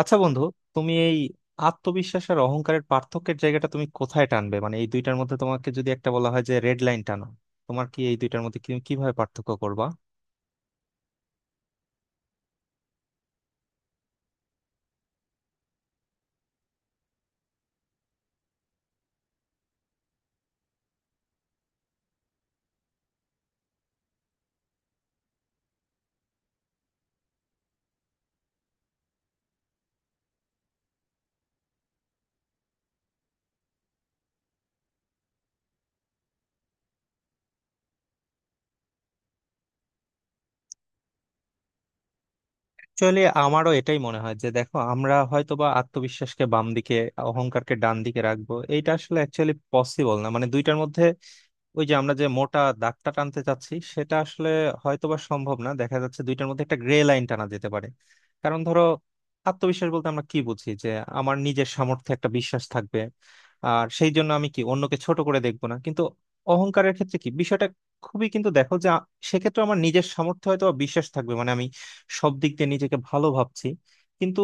আচ্ছা বন্ধু, তুমি এই আত্মবিশ্বাস আর অহংকারের পার্থক্যের জায়গাটা তুমি কোথায় টানবে? মানে এই দুইটার মধ্যে তোমাকে যদি একটা বলা হয় যে রেড লাইন টানো, তোমার কি এই দুইটার মধ্যে কিভাবে পার্থক্য করবা? অ্যাকচুয়ালি আমারও এটাই মনে হয় যে দেখো, আমরা হয়তোবা আত্মবিশ্বাসকে বাম দিকে অহংকারকে ডান দিকে রাখবো, এইটা আসলে অ্যাকচুয়ালি পসিবল না। মানে দুইটার মধ্যে ওই যে আমরা যে মোটা দাগটা টানতে চাচ্ছি সেটা আসলে হয়তোবা সম্ভব না। দেখা যাচ্ছে দুইটার মধ্যে একটা গ্রে লাইন টানা যেতে পারে। কারণ ধরো, আত্মবিশ্বাস বলতে আমরা কি বুঝি? যে আমার নিজের সামর্থ্যে একটা বিশ্বাস থাকবে, আর সেই জন্য আমি কি অন্যকে ছোট করে দেখবো না। কিন্তু অহংকারের ক্ষেত্রে কি বিষয়টা খুবই কিন্তু দেখো যে সেক্ষেত্রে আমার নিজের সামর্থ্যে হয়তো বা বিশ্বাস থাকবে, মানে আমি সব দিক দিয়ে নিজেকে ভালো ভাবছি, কিন্তু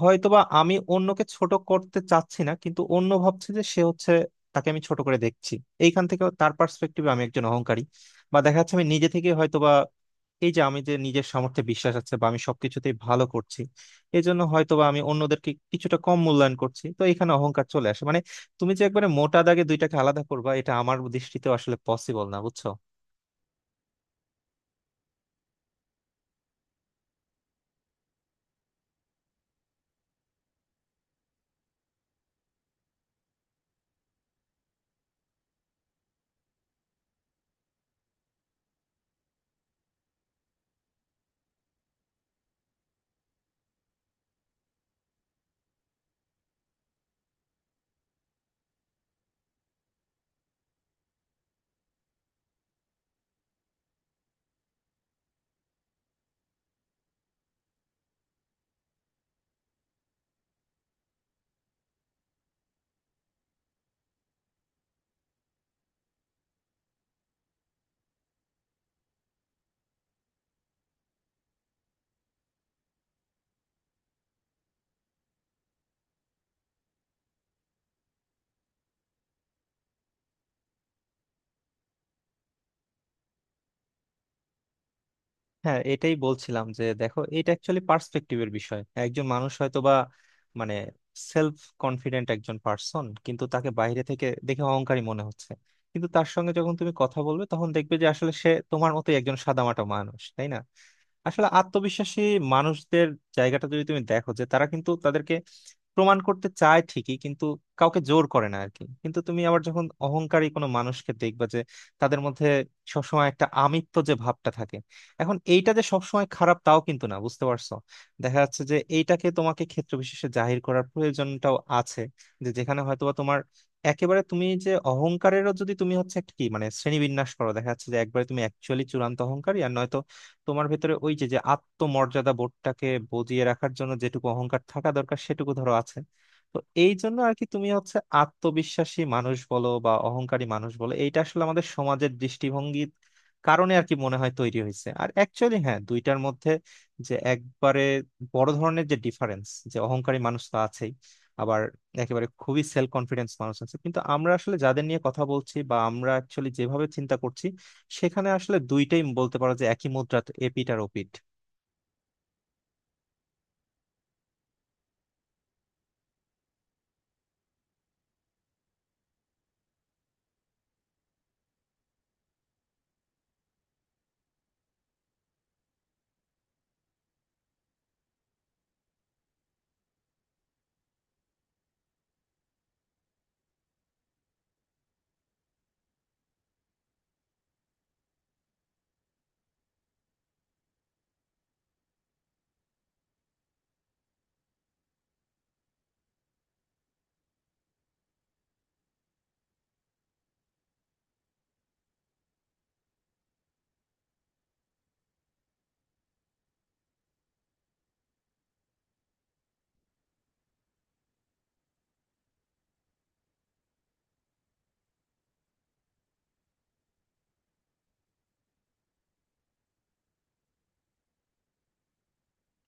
হয়তোবা আমি অন্যকে ছোট করতে চাচ্ছি না, কিন্তু অন্য ভাবছে যে সে হচ্ছে তাকে আমি ছোট করে দেখছি। এইখান থেকে তার পার্সপেক্টিভে আমি একজন অহংকারী, বা দেখা যাচ্ছে আমি নিজে থেকে হয়তো বা এই যে আমি যে নিজের সামর্থ্যে বিশ্বাস আছে বা আমি সবকিছুতেই ভালো করছি, এই জন্য হয়তো বা আমি অন্যদেরকে কিছুটা কম মূল্যায়ন করছি, তো এখানে অহংকার চলে আসে। মানে তুমি যে একবারে মোটা দাগে দুইটাকে আলাদা করবা, এটা আমার দৃষ্টিতে আসলে পসিবল না, বুঝছো। হ্যাঁ, এটাই বলছিলাম যে দেখো, এটা অ্যাকচুয়ালি পার্সপেক্টিভের বিষয়। একজন মানুষ হয়তো বা মানে সেলফ কনফিডেন্ট একজন পার্সন, কিন্তু তাকে বাইরে থেকে দেখে অহংকারী মনে হচ্ছে। কিন্তু তার সঙ্গে যখন তুমি কথা বলবে, তখন দেখবে যে আসলে সে তোমার মতোই একজন সাদামাটা মানুষ, তাই না? আসলে আত্মবিশ্বাসী মানুষদের জায়গাটা যদি তুমি দেখো, যে তারা কিন্তু তাদেরকে প্রমাণ করতে চায় ঠিকই, কিন্তু কাউকে জোর করে না আরকি। কিন্তু তুমি আবার যখন অহংকারী কোনো মানুষকে দেখবা, যে তাদের মধ্যে সবসময় একটা আমিত্ব যে ভাবটা থাকে। এখন এইটা যে সবসময় খারাপ তাও কিন্তু না, বুঝতে পারছো। দেখা যাচ্ছে যে এইটাকে তোমাকে ক্ষেত্র বিশেষে জাহির করার প্রয়োজনটাও আছে, যে যেখানে হয়তোবা তোমার একেবারে তুমি যে অহংকারেরও যদি তুমি হচ্ছে একটা কি মানে শ্রেণীবিন্যাস করো, দেখা যাচ্ছে যে একবারে তুমি অ্যাকচুয়ালি চূড়ান্ত অহংকারী, আর নয়তো তোমার ভেতরে ওই যে যে আত্মমর্যাদা বোধটাকে বজিয়ে রাখার জন্য যেটুকু অহংকার থাকা দরকার সেটুকু ধরো আছে। তো এই জন্য আর কি, তুমি হচ্ছে আত্মবিশ্বাসী মানুষ বলো বা অহংকারী মানুষ বলো, এইটা আসলে আমাদের সমাজের দৃষ্টিভঙ্গির কারণে আর কি মনে হয় তৈরি হয়েছে। আর অ্যাকচুয়ালি হ্যাঁ, দুইটার মধ্যে যে একবারে বড় ধরনের যে ডিফারেন্স, যে অহংকারী মানুষ তো আছেই, আবার একেবারে খুবই সেলফ কনফিডেন্স মানুষ আছে। কিন্তু আমরা আসলে যাদের নিয়ে কথা বলছি বা আমরা অ্যাকচুয়ালি যেভাবে চিন্তা করছি, সেখানে আসলে দুইটাই বলতে পারো যে একই মুদ্রা এপিট আর ওপিট।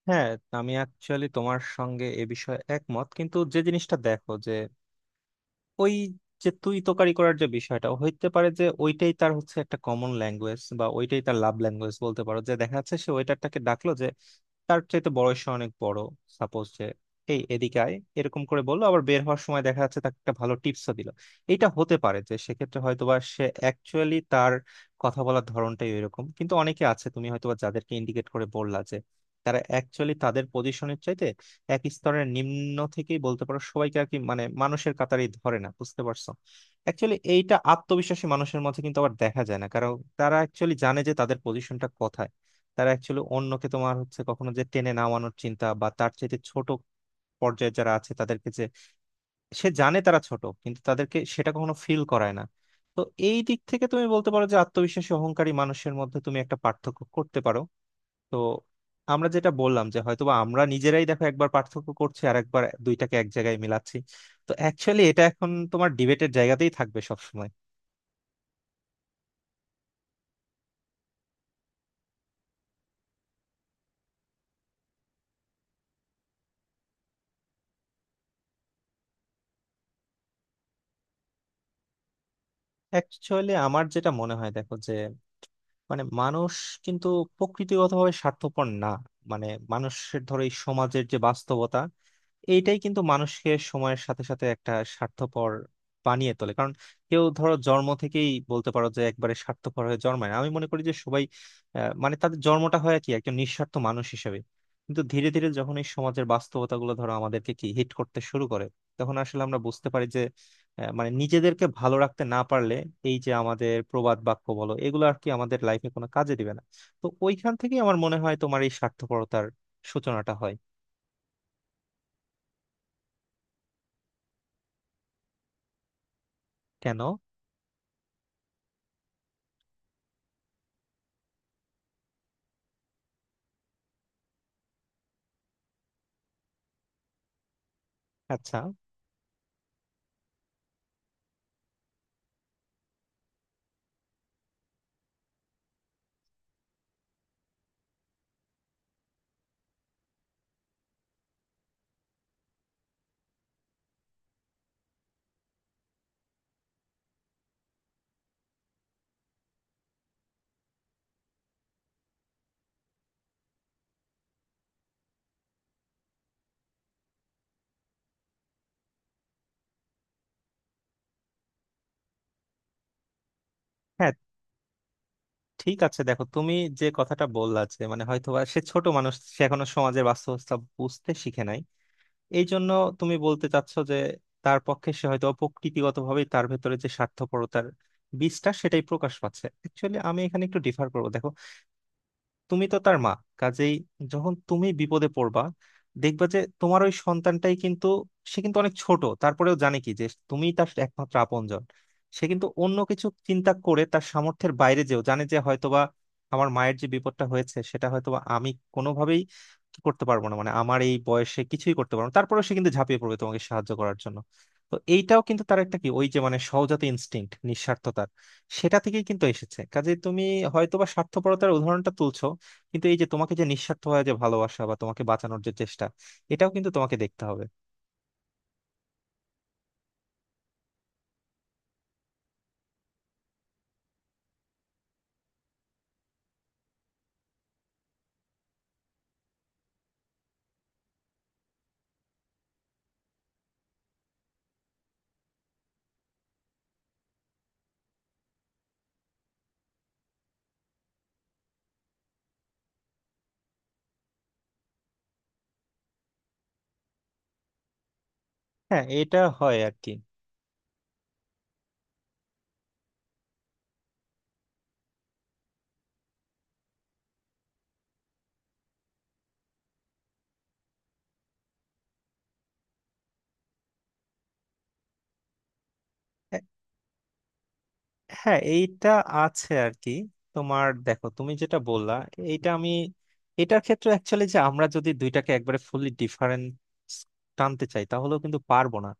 হ্যাঁ, আমি অ্যাকচুয়ালি তোমার সঙ্গে এ বিষয়ে একমত, কিন্তু যে জিনিসটা দেখো যে ওই যে তুই তোকারি করার যে বিষয়টা, হইতে পারে যে ওইটাই তার হচ্ছে একটা কমন ল্যাঙ্গুয়েজ বা ওইটাই তার লাভ ল্যাঙ্গুয়েজ, বলতে পারো। যে দেখা যাচ্ছে সে ওয়েটারটাকে ডাকলো, যে তার চাইতে বয়সে অনেক বড়, সাপোজ যে এই এদিকে আয়, এরকম করে বললো। আবার বের হওয়ার সময় দেখা যাচ্ছে তাকে একটা ভালো টিপসও দিল। এটা হতে পারে যে সেক্ষেত্রে হয়তোবা সে অ্যাকচুয়ালি তার কথা বলার ধরনটাই এরকম। কিন্তু অনেকে আছে, তুমি হয়তোবা যাদেরকে ইন্ডিকেট করে বললা, যে তারা অ্যাকচুয়ালি তাদের পজিশনের চাইতে এক স্তরের নিম্ন থেকেই বলতে পারো সবাইকে আর কি, মানে মানুষের কাতারেই ধরে না, বুঝতে পারছো। অ্যাকচুয়ালি এইটা আত্মবিশ্বাসী মানুষের মধ্যে কিন্তু আবার দেখা যায় না, কারণ তারা অ্যাকচুয়ালি জানে যে তাদের পজিশনটা কোথায়। তারা অ্যাকচুয়ালি অন্যকে তোমার হচ্ছে কখনো যে টেনে নামানোর চিন্তা, বা তার চাইতে ছোট পর্যায়ে যারা আছে তাদেরকে যে সে জানে তারা ছোট, কিন্তু তাদেরকে সেটা কখনো ফিল করায় না। তো এই দিক থেকে তুমি বলতে পারো যে আত্মবিশ্বাসী অহংকারী মানুষের মধ্যে তুমি একটা পার্থক্য করতে পারো। তো আমরা যেটা বললাম যে হয়তোবা আমরা নিজেরাই দেখো, একবার পার্থক্য করছি আর একবার দুইটাকে এক জায়গায় মিলাচ্ছি। তো অ্যাকচুয়ালি এটা এখন তোমার ডিবেটের জায়গাতেই থাকবে সব সময়। অ্যাকচুয়ালি আমার যেটা মনে হয়, দেখো যে মানে মানুষ কিন্তু প্রকৃতিগতভাবে স্বার্থপর না। মানে মানুষের ধরো এই সমাজের যে বাস্তবতা, এইটাই কিন্তু মানুষকে সময়ের সাথে সাথে একটা স্বার্থপর বানিয়ে তোলে। কারণ কেউ ধরো জন্ম থেকেই বলতে পারো যে একবারে স্বার্থপর হয়ে জন্মায় না। আমি মনে করি যে সবাই মানে তাদের জন্মটা হয় কি একজন নিঃস্বার্থ মানুষ হিসেবে। কিন্তু ধীরে ধীরে যখন এই সমাজের বাস্তবতা গুলো ধরো আমাদেরকে কি হিট করতে শুরু করে, তখন আসলে আমরা বুঝতে পারি যে মানে নিজেদেরকে ভালো রাখতে না পারলে এই যে আমাদের প্রবাদ বাক্য বলো এগুলো আর কি আমাদের লাইফে কোনো কাজে দিবে না। তো ওইখান থেকেই আমার মনে হয় তোমার এই স্বার্থপরতার সূচনাটা হয়। কেন? আচ্ছা, হ্যাঁ, ঠিক আছে, দেখো তুমি যে কথাটা বললা, যে মানে হয়তোবা সে ছোট মানুষ, সে এখনো সমাজের বাস্তবতা বুঝতে শিখে নাই, এই জন্য তুমি বলতে চাচ্ছ যে তার পক্ষে সে হয়তো প্রকৃতিগত ভাবে তার ভেতরে যে স্বার্থপরতার বীজটা, সেটাই প্রকাশ পাচ্ছে। অ্যাকচুয়ালি আমি এখানে একটু ডিফার করবো। দেখো, তুমি তো তার মা, কাজেই যখন তুমি বিপদে পড়বা, দেখবা যে তোমার ওই সন্তানটাই কিন্তু, সে কিন্তু অনেক ছোট, তারপরেও জানে কি যে তুমি তার একমাত্র আপনজন। সে কিন্তু অন্য কিছু চিন্তা করে, তার সামর্থ্যের বাইরে যেও জানে যে হয়তোবা আমার মায়ের যে বিপদটা হয়েছে সেটা হয়তোবা আমি কোনোভাবেই করতে পারবো না, মানে আমার এই বয়সে কিছুই করতে পারবো না, তারপরেও সে কিন্তু ঝাঁপিয়ে পড়বে তোমাকে সাহায্য করার জন্য। তো এইটাও কিন্তু তার একটা কি ওই যে মানে সহজাত ইনস্টিংক্ট নিঃস্বার্থতার, সেটা থেকেই কিন্তু এসেছে। কাজে তুমি হয়তোবা স্বার্থপরতার উদাহরণটা তুলছো, কিন্তু এই যে তোমাকে যে নিঃস্বার্থ হয় যে ভালোবাসা বা তোমাকে বাঁচানোর যে চেষ্টা, এটাও কিন্তু তোমাকে দেখতে হবে। হ্যাঁ, এটা হয় আর কি। হ্যাঁ, এইটা আছে আর কি। তোমার দেখো তুমি যেটা বললা, এইটা আমি এটার ক্ষেত্রে অ্যাকচুয়ালি, যে আমরা যদি দুইটাকে একবারে ফুললি ডিফারেন্ট টানতে চাই, তাহলেও কিন্তু পারবো না।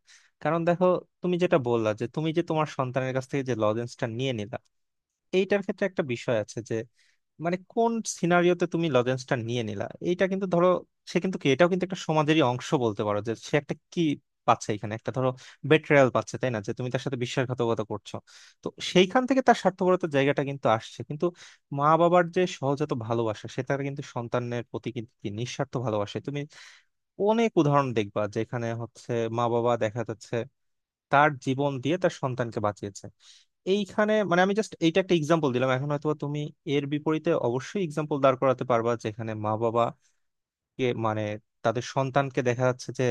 কারণ দেখো, তুমি যেটা বললা যে তুমি যে তোমার সন্তানের কাছ থেকে যে লজেন্সটা নিয়ে নিলা, এইটার ক্ষেত্রে একটা বিষয় আছে যে মানে কোন সিনারিওতে তুমি লজেন্সটা নিয়ে নিলা। এইটা কিন্তু ধরো, সে কিন্তু কি, এটাও কিন্তু একটা সমাজেরই অংশ বলতে পারো। যে সে একটা কি পাচ্ছে, এখানে একটা ধরো বেট্রায়াল পাচ্ছে, তাই না? যে তুমি তার সাথে বিশ্বাসঘাতকতা করছো। তো সেইখান থেকে তার স্বার্থপরতার জায়গাটা কিন্তু আসছে। কিন্তু মা বাবার যে সহজাত ভালোবাসা, সে তার কিন্তু সন্তানের প্রতি কিন্তু কি নিঃস্বার্থ ভালোবাসে। তুমি অনেক উদাহরণ দেখবা যেখানে হচ্ছে মা বাবা দেখা যাচ্ছে তার জীবন দিয়ে তার সন্তানকে বাঁচিয়েছে। এইখানে মানে আমি জাস্ট এইটা একটা এক্সাম্পল দিলাম, এখন হয়তো তুমি এর বিপরীতে অবশ্যই এক্সাম্পল দাঁড় করাতে পারবা যেখানে মা বাবা কে মানে তাদের সন্তানকে দেখা যাচ্ছে যে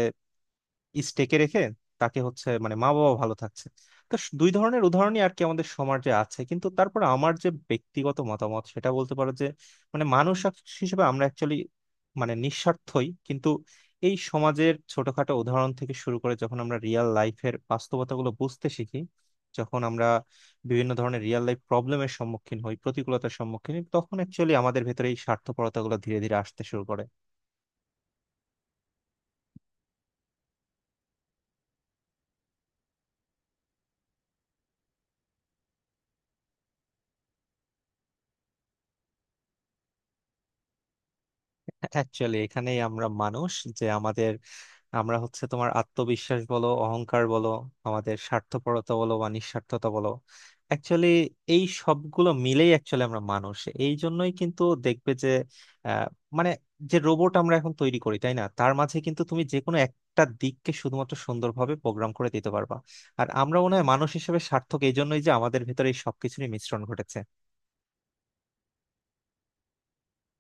স্টেকে রেখে তাকে হচ্ছে মানে মা বাবা ভালো থাকছে। তো দুই ধরনের উদাহরণই আর কি আমাদের সমাজে আছে। কিন্তু তারপর আমার যে ব্যক্তিগত মতামত সেটা বলতে পারো যে মানে মানুষ হিসেবে আমরা অ্যাকচুয়ালি মানে নিঃস্বার্থই কিন্তু। এই সমাজের ছোটখাটো উদাহরণ থেকে শুরু করে যখন আমরা রিয়েল লাইফের বাস্তবতাগুলো বুঝতে শিখি, যখন আমরা বিভিন্ন ধরনের রিয়েল লাইফ প্রবলেমের সম্মুখীন হই, প্রতিকূলতার সম্মুখীন হই, তখন অ্যাকচুয়ালি আমাদের ভেতরে এই স্বার্থপরতাগুলো ধীরে ধীরে আসতে শুরু করে। অ্যাকচুয়ালি এখানেই আমরা মানুষ, যে আমাদের আমরা হচ্ছে তোমার আত্মবিশ্বাস বলো অহংকার বলো, আমাদের স্বার্থপরতা বলো বা নিঃস্বার্থতা বলো, অ্যাকচুয়ালি এই সবগুলো মিলেই অ্যাকচুয়ালি আমরা মানুষ। এই জন্যই কিন্তু দেখবে যে আহ, মানে যে রোবট আমরা এখন তৈরি করি, তাই না, তার মাঝে কিন্তু তুমি যে কোনো একটা দিককে শুধুমাত্র সুন্দরভাবে প্রোগ্রাম করে দিতে পারবা। আর আমরা মনে হয় মানুষ হিসেবে সার্থক এই জন্যই যে আমাদের ভেতরে এই সবকিছুরই মিশ্রণ ঘটেছে।